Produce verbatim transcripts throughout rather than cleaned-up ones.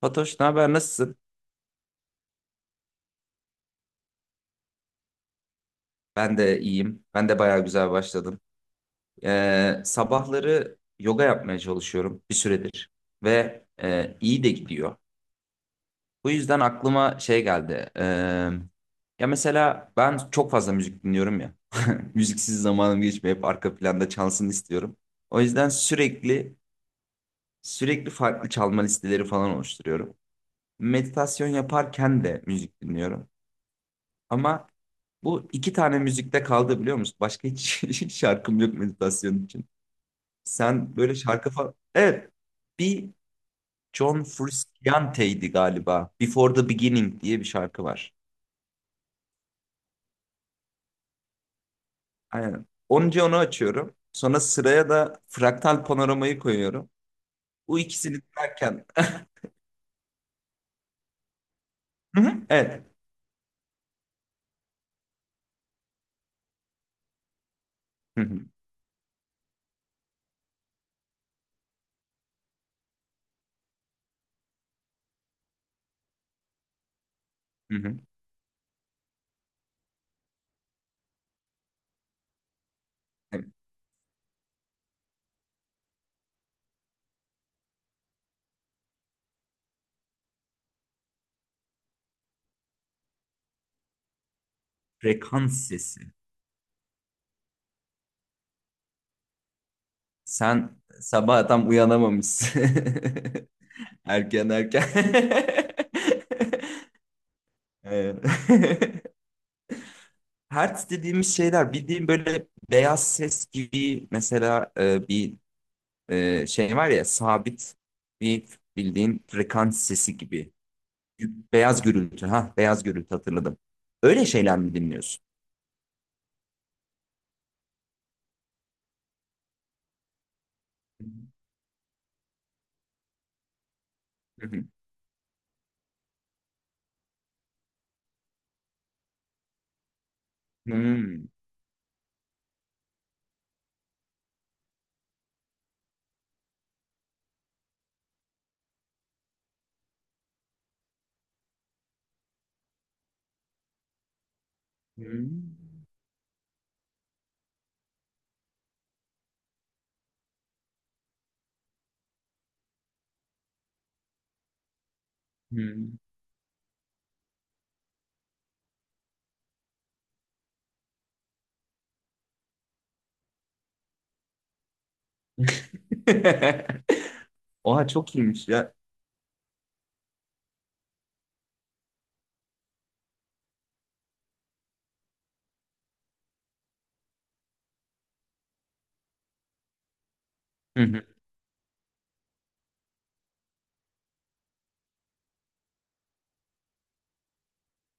Fatoş, ne haber? Nasılsın? Ben de iyiyim. Ben de bayağı güzel başladım. Ee, sabahları yoga yapmaya çalışıyorum bir süredir ve e, iyi de gidiyor. Bu yüzden aklıma şey geldi. Ee, ya mesela ben çok fazla müzik dinliyorum ya. Müziksiz zamanım geçmiyor. Hep arka planda çalsın istiyorum. O yüzden sürekli sürekli farklı çalma listeleri falan oluşturuyorum. Meditasyon yaparken de müzik dinliyorum. Ama bu iki tane müzikte kaldı, biliyor musun? Başka hiç şarkım yok meditasyon için. Sen böyle şarkı falan. Evet. Bir. John Frusciante'ydi galiba. Before the Beginning diye bir şarkı var. Aynen. Onca onu açıyorum. Sonra sıraya da Fraktal Panoramayı koyuyorum. Bu ikisini dinlerken. Hı hı, evet. Hı hı, hı hı. Evet. Frekans sesi. Sen sabah tam uyanamamışsın. Erken erken. Ee, hertz dediğimiz şeyler bildiğin böyle beyaz ses gibi, mesela e, bir e, şey var ya, sabit bir bildiğin frekans sesi gibi. Beyaz gürültü, ha, beyaz gürültü hatırladım. Öyle şeyler mi dinliyorsun? Hı hı. Hmm. Hmm. Hmm. Oha, çok iyiymiş ya. Hı hı.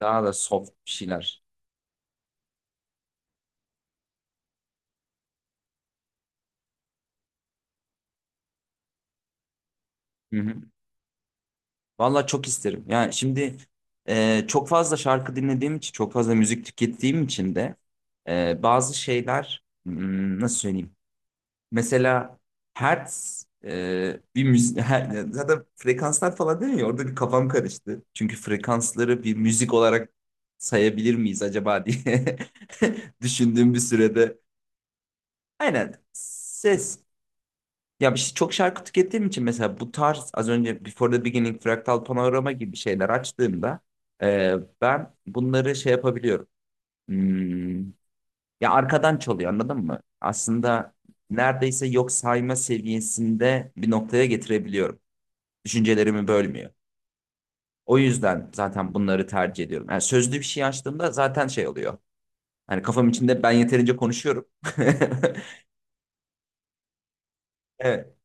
Daha da soft bir şeyler. Valla çok isterim. Yani şimdi e, çok fazla şarkı dinlediğim için, çok fazla müzik tükettiğim için de e, bazı şeyler hmm, nasıl söyleyeyim? Mesela hertz e, bir müzik, her, zaten frekanslar falan değil mi? Orada bir kafam karıştı. Çünkü frekansları bir müzik olarak sayabilir miyiz acaba diye düşündüğüm bir sürede. Aynen, ses, ya işte çok şarkı tükettiğim için mesela bu tarz, az önce Before the Beginning, Fraktal Panorama gibi şeyler açtığımda e, ben bunları şey yapabiliyorum. Hmm, ya arkadan çalıyor, anladın mı? Aslında neredeyse yok sayma seviyesinde bir noktaya getirebiliyorum. Düşüncelerimi bölmüyor. O yüzden zaten bunları tercih ediyorum. Yani sözlü bir şey açtığımda zaten şey oluyor. Hani kafam içinde ben yeterince konuşuyorum. Evet.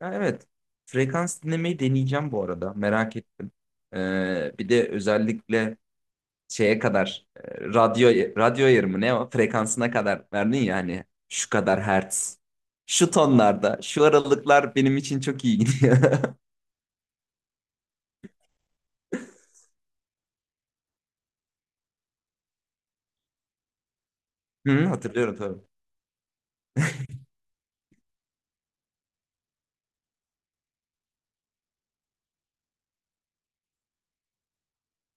Ya evet. Frekans dinlemeyi deneyeceğim bu arada. Merak ettim. Ee, bir de özellikle şeye kadar e, radyo radyo ayarımı, ne o, frekansına kadar verdin ya, hani şu kadar hertz. Şu tonlarda, şu aralıklar benim için çok iyi gidiyor. Hı, hatırlıyorum tabii.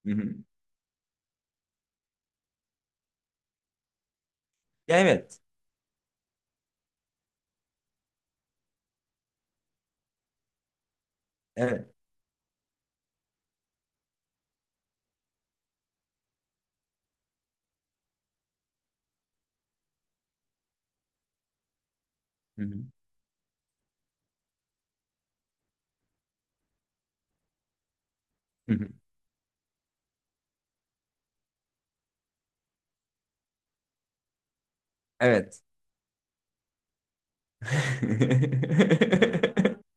Hı hı. Ya evet. Evet. Hı hı. Hı hı. Evet.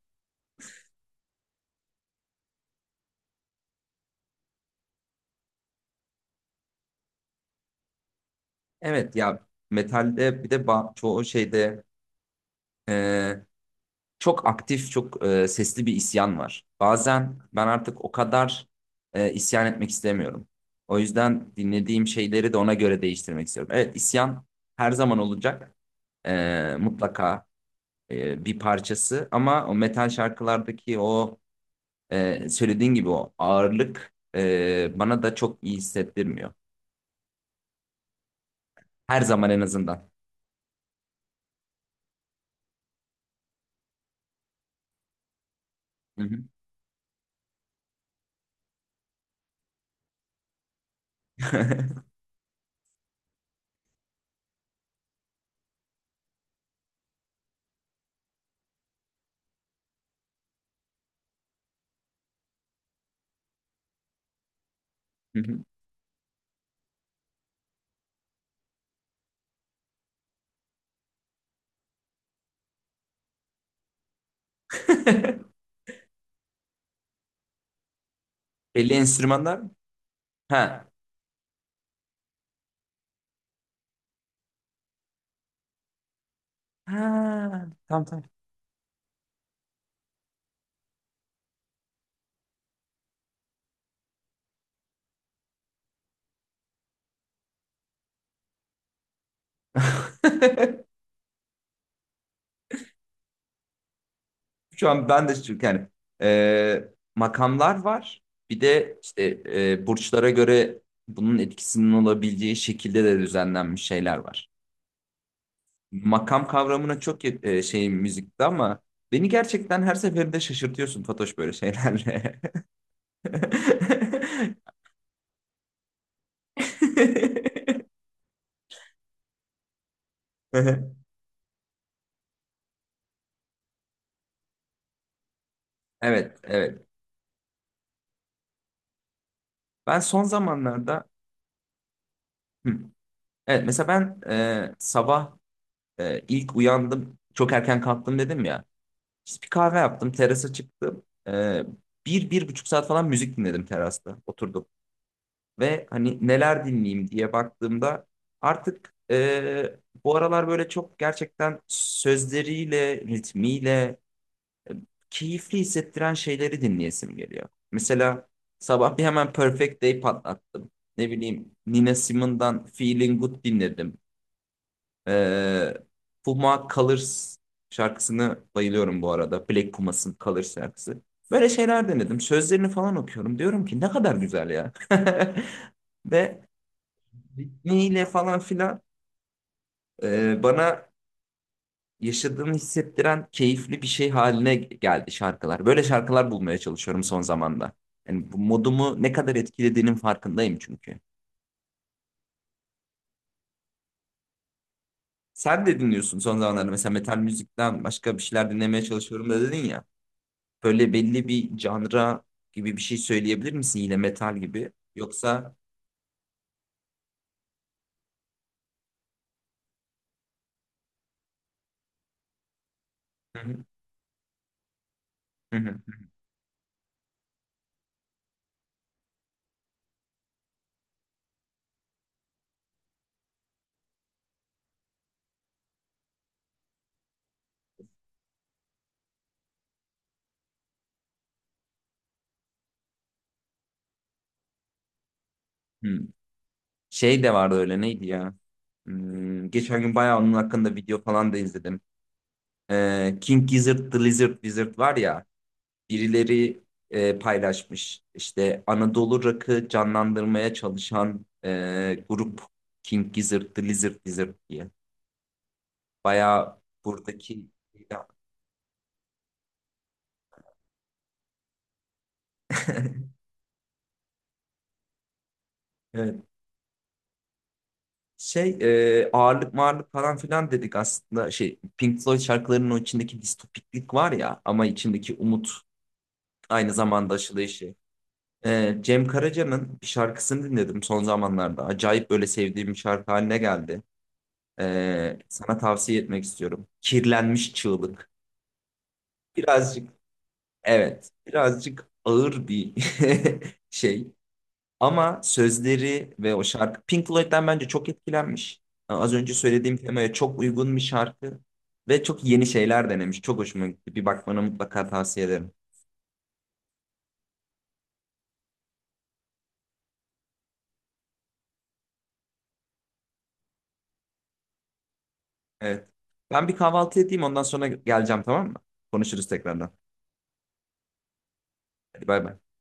Evet, ya metalde bir de ba- çoğu şeyde e, çok aktif, çok e, sesli bir isyan var. Bazen ben artık o kadar e, isyan etmek istemiyorum. O yüzden dinlediğim şeyleri de ona göre değiştirmek istiyorum. Evet, isyan her zaman olacak. E, mutlaka e, bir parçası, ama o metal şarkılardaki o e, söylediğin gibi o ağırlık e, bana da çok iyi hissettirmiyor. Her zaman en azından. Hı hı. Hı hı. Belli enstrümanlar mı? Ha. Ha, tamam tamam. Şu an ben de, çünkü yani e, makamlar var. Bir de işte e, burçlara göre bunun etkisinin olabileceği şekilde de düzenlenmiş şeyler var. Makam kavramına çok ya- e, şey müzikte, ama beni gerçekten her seferinde şaşırtıyorsun Fatoş, böyle şeylerle. Evet, evet. Ben son zamanlarda. Hı. Evet, mesela ben e, sabah e, ilk uyandım, çok erken kalktım dedim ya. Biz bir kahve yaptım, terasa çıktım. Ee, bir, bir buçuk saat falan müzik dinledim terasta, oturdum. Ve hani neler dinleyeyim diye baktığımda artık ee, bu aralar böyle çok gerçekten sözleriyle, ritmiyle keyifli hissettiren şeyleri dinleyesim geliyor. Mesela sabah bir hemen Perfect Day patlattım. Ne bileyim, Nina Simone'dan Feeling Good dinledim. Ee, Puma Colors şarkısını bayılıyorum bu arada. Black Pumas'ın Colors şarkısı. Böyle şeyler denedim. Sözlerini falan okuyorum. Diyorum ki, ne kadar güzel ya. Ve ritmiyle falan filan e, bana yaşadığımı hissettiren keyifli bir şey haline geldi şarkılar. Böyle şarkılar bulmaya çalışıyorum son zamanda. Yani bu modumu ne kadar etkilediğinin farkındayım çünkü. Sen de dinliyorsun son zamanlarda, mesela metal müzikten başka bir şeyler dinlemeye çalışıyorum da dedin ya. Böyle belli bir janra gibi bir şey söyleyebilir misin, yine metal gibi? Yoksa? Hı hı, hı hı, hı. Şey de vardı, öyle neydi ya? Hmm, geçen gün bayağı onun hakkında video falan da izledim. Ee, King Gizzard The Lizard Wizard var ya, birileri e, paylaşmış. İşte Anadolu Rock'ı canlandırmaya çalışan e, grup, King Gizzard The Lizard Wizard diye. Bayağı buradaki. Evet. Şey, e, ağırlık mağırlık falan filan dedik, aslında şey Pink Floyd şarkılarının o içindeki distopiklik var ya, ama içindeki umut aynı zamanda aşılayışı. E, Cem Karaca'nın bir şarkısını dinledim son zamanlarda. Acayip böyle sevdiğim bir şarkı haline geldi. E, sana tavsiye etmek istiyorum. Kirlenmiş Çığlık. Birazcık, evet, birazcık ağır bir şey. Ama sözleri ve o şarkı Pink Floyd'den bence çok etkilenmiş. Ee, Az önce söylediğim temaya çok uygun bir şarkı ve çok yeni şeyler denemiş. Çok hoşuma gitti. Bir bakmanı mutlaka tavsiye ederim. Evet. Ben bir kahvaltı edeyim, ondan sonra geleceğim, tamam mı? Konuşuruz tekrardan. Hadi bay bay.